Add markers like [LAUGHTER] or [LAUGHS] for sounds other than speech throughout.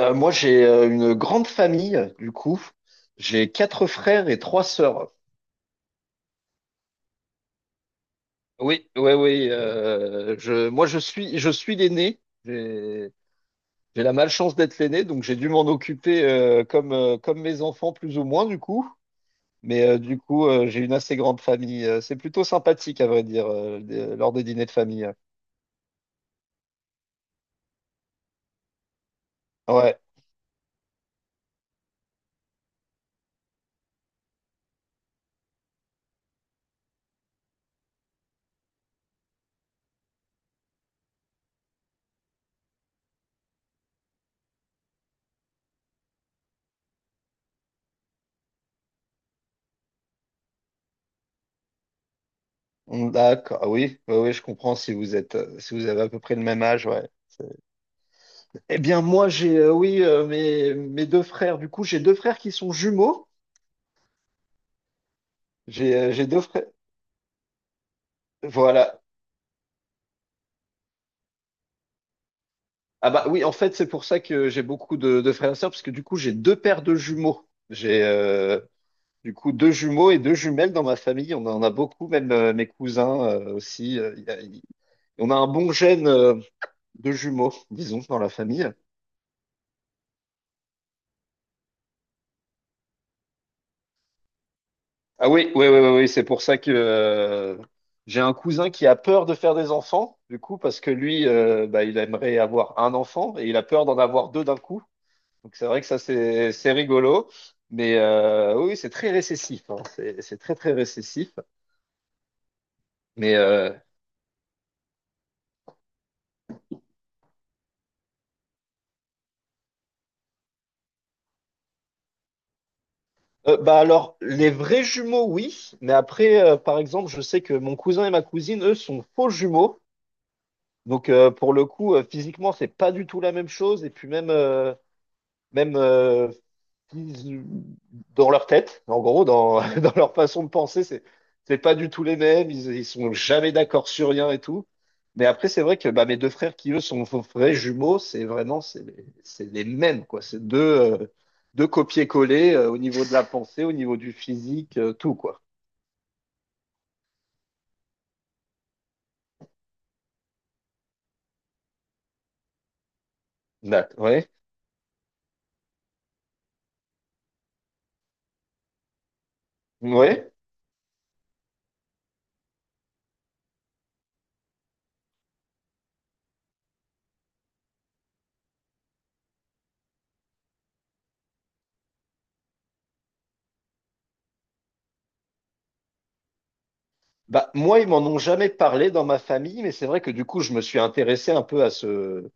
Moi, j'ai une grande famille, du coup. J'ai quatre frères et trois sœurs. Oui, oui, oui. Je suis l'aîné. J'ai, j'ai la malchance d'être l'aîné, donc j'ai dû m'en occuper comme, comme mes enfants, plus ou moins, du coup. Mais du coup, j'ai une assez grande famille. C'est plutôt sympathique, à vrai dire, lors des dîners de famille. Ouais. D'accord. Ah oui, oui, oui, je comprends si vous êtes, si vous avez à peu près le même âge. Ouais. Eh bien, moi, j'ai, oui, mes deux frères. Du coup, j'ai deux frères qui sont jumeaux. J'ai deux frères. Voilà. Ah bah oui, en fait, c'est pour ça que j'ai beaucoup de frères et sœurs, parce que du coup, j'ai deux paires de jumeaux. J'ai du coup deux jumeaux et deux jumelles dans ma famille. On en a beaucoup, même mes cousins aussi. Il y a- il- On a un bon gène de jumeaux, disons, dans la famille. Ah oui, oui, oui, oui, oui, c'est pour ça que j'ai un cousin qui a peur de faire des enfants, du coup, parce que lui, bah, il aimerait avoir un enfant et il a peur d'en avoir deux d'un coup. Donc c'est vrai que ça, c'est rigolo, mais oui, oui, c'est très récessif, hein. C'est très, très récessif. Mais bah alors, les vrais jumeaux, oui, mais après, par exemple, je sais que mon cousin et ma cousine, eux, sont faux jumeaux. Donc pour le coup, physiquement, c'est pas du tout la même chose. Et puis même qui- dans leur tête, en gros, dans, [LAUGHS] dans leur façon de penser, c'est pas du tout les mêmes. Ils sont jamais d'accord sur rien et tout. Mais après, c'est vrai que bah, mes deux frères qui eux sont vrais jumeaux, c'est vraiment c'est les mêmes quoi. C'est deux deux copier-coller au niveau de la pensée, au niveau du physique, tout quoi. Bah, ouais, ouais. Bah moi, ils m'en ont jamais parlé dans ma famille, mais c'est vrai que du coup, je me suis intéressé un peu à ce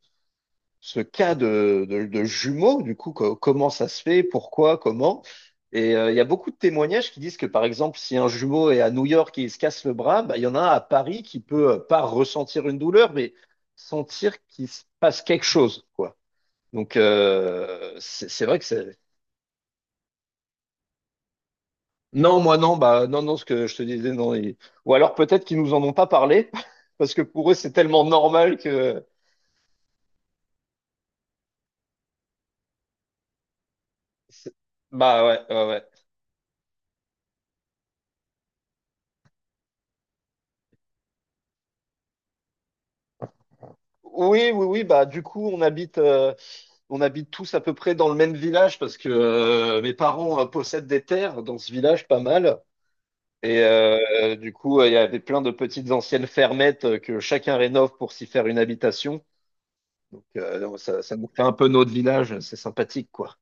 ce cas de jumeaux, du coup, comment ça se fait, pourquoi, comment. Et il y a beaucoup de témoignages qui disent que, par exemple, si un jumeau est à New York et il se casse le bras, bah, il y en a un à Paris qui peut pas ressentir une douleur, mais sentir qu'il se passe quelque chose, quoi. Donc, c'est vrai que c'est... Non, moi non, bah non, non, ce que je te disais, non. Ou alors peut-être qu'ils nous en ont pas parlé, [LAUGHS] parce que pour eux, c'est tellement normal que... c'est- Bah ouais, ouais, ouais. Oui, oui, oui, bah du coup, on on habite tous à peu près dans le même village parce que mes parents possèdent des terres dans ce village pas mal. Et du coup, il y avait plein de petites anciennes fermettes que chacun rénove pour s'y faire une habitation. Donc non, ça nous fait un peu notre village, c'est sympathique quoi.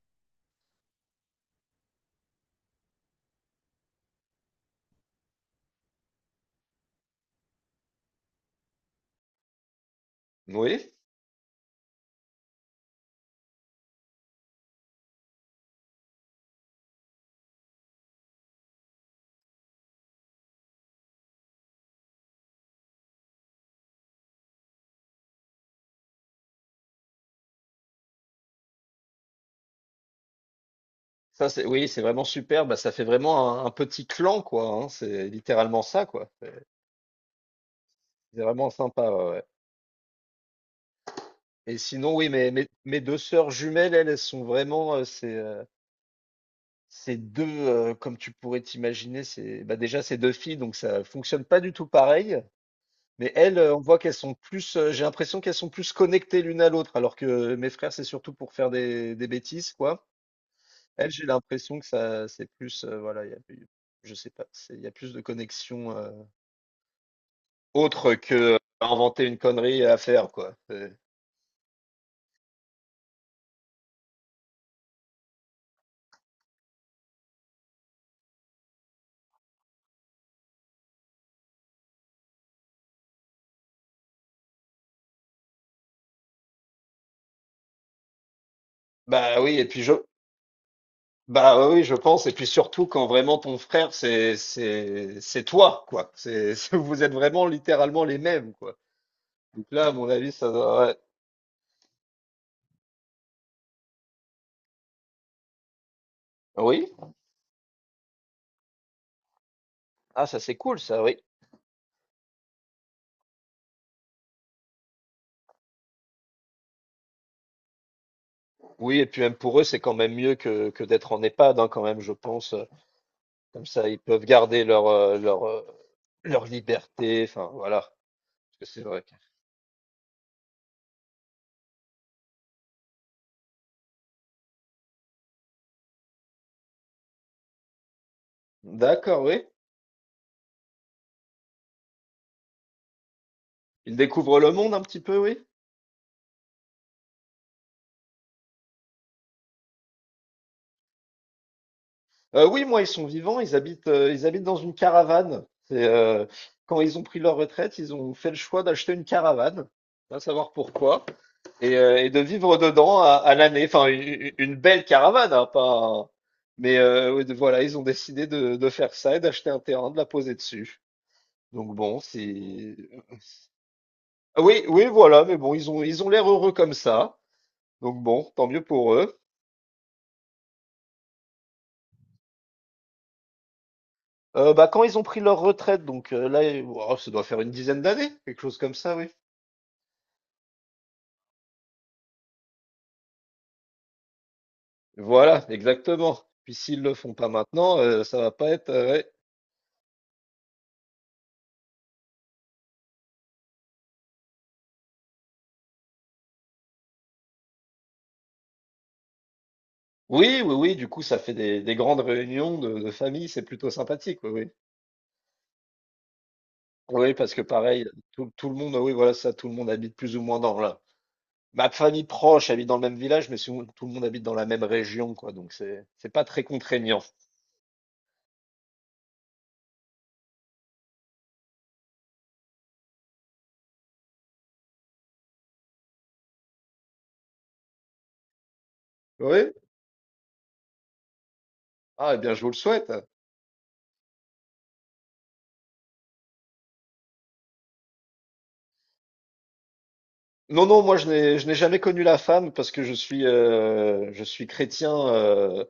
Oui, c'est vraiment super. Bah, ça fait vraiment un petit clan quoi, hein. C'est littéralement ça quoi. C'est vraiment sympa. Ouais, ouais. Et sinon, oui, mes deux sœurs jumelles, elles sont vraiment, c'est ces 2, comme tu pourrais t'imaginer, c'est bah, déjà, c'est 2 filles, donc ça fonctionne pas du tout pareil. Mais elles, on voit qu'elles sont j'ai l'impression qu'elles sont plus connectées l'une à l'autre, alors que mes frères, c'est surtout pour faire des bêtises, quoi. Elles, j'ai l'impression que ça c'est voilà, il y a plus, je sais pas, c'est il y a plus de connexion, autre que inventer une connerie à faire, quoi. Oui et puis je bah ouais, oui, je pense. Et puis surtout quand vraiment ton frère, c'est c'est toi, quoi. C'est [LAUGHS] vous êtes vraiment littéralement les mêmes, quoi. Donc là, à mon avis, ça devrait- Oui. Ah, ça c'est cool, ça, oui. Oui, et puis même pour eux, c'est quand même mieux que d'être en EHPAD, hein, quand même, je pense. Comme ça, ils peuvent garder leur leur liberté. Enfin, voilà. Parce que c'est vrai. Que- D'accord, oui. Ils découvrent le monde un petit peu, oui. Oui, moi, ils sont vivants, ils habitent dans une caravane. C'est, quand ils ont pris leur retraite, ils ont fait le choix d'acheter une caravane, va savoir pourquoi et de vivre dedans à l'année. Enfin, u Une belle caravane, hein, pas un mais oui, de voilà, ils ont décidé de faire ça et d'acheter un terrain, de la poser dessus. Donc bon, c'est Ah oui, oui, voilà, mais bon, ils ont l'air heureux comme ça, donc bon, tant mieux pour eux. Bah, quand ils ont pris leur retraite, donc oh, ça doit faire une dizaine d'années, quelque chose comme ça, oui. Voilà, exactement. Puis s'ils le font pas maintenant, ça va pas être. Ouais. Oui, oui, oui. Du coup, ça fait des grandes réunions de famille. C'est plutôt sympathique. Oui, oui. Oui, parce que pareil, tout le monde. Oui, voilà, ça. Tout le monde habite plus ou moins dans la. Ma famille proche habite dans le même village, mais sinon, tout le monde habite dans la même région, quoi. Donc c'est pas très contraignant. Oui. Ah, eh bien, je vous le souhaite. Non, non, moi je n'ai jamais connu la femme parce que je suis chrétien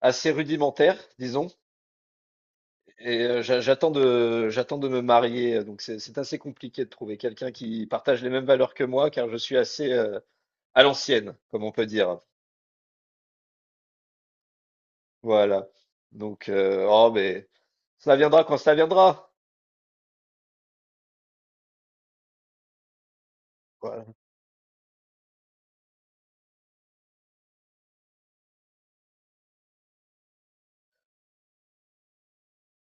assez rudimentaire, disons. Et j'attends de me marier, donc c'est assez compliqué de trouver quelqu'un qui partage les mêmes valeurs que moi, car je suis assez à l'ancienne, comme on peut dire. Voilà. Donc, oh, mais ça viendra quand ça viendra. Voilà.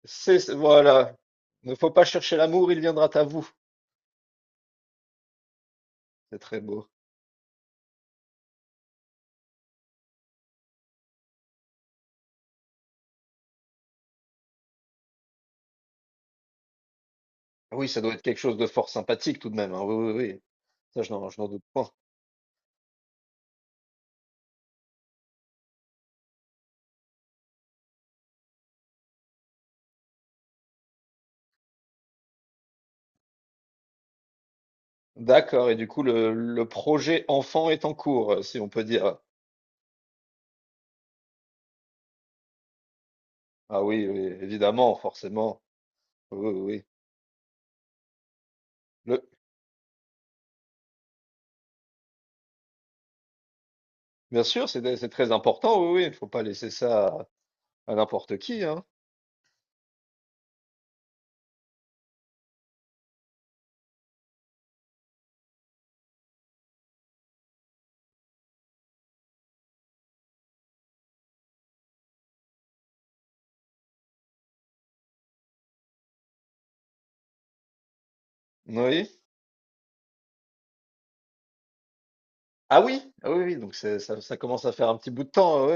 Voilà. Ne faut pas chercher l'amour, il viendra à vous. C'est très beau. Oui, ça doit être quelque chose de fort sympathique tout de même, hein. Oui, oui, oui. Ça, je n'en doute pas. D'accord. Et du coup, le projet enfant est en cours, si on peut dire. Ah oui, oui, évidemment, forcément. Oui, oui, oui. Le- Bien sûr, c'est très important, oui, oui, il ne faut pas laisser ça à n'importe qui, hein. Oui. Ah oui, ah oui, oui, ça, ça commence à faire un petit bout de temps, oui.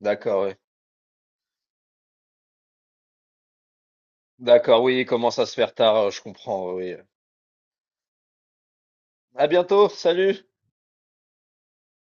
D'accord, oui. D'accord, oui, il commence à se faire tard, je comprends, oui. À bientôt, salut!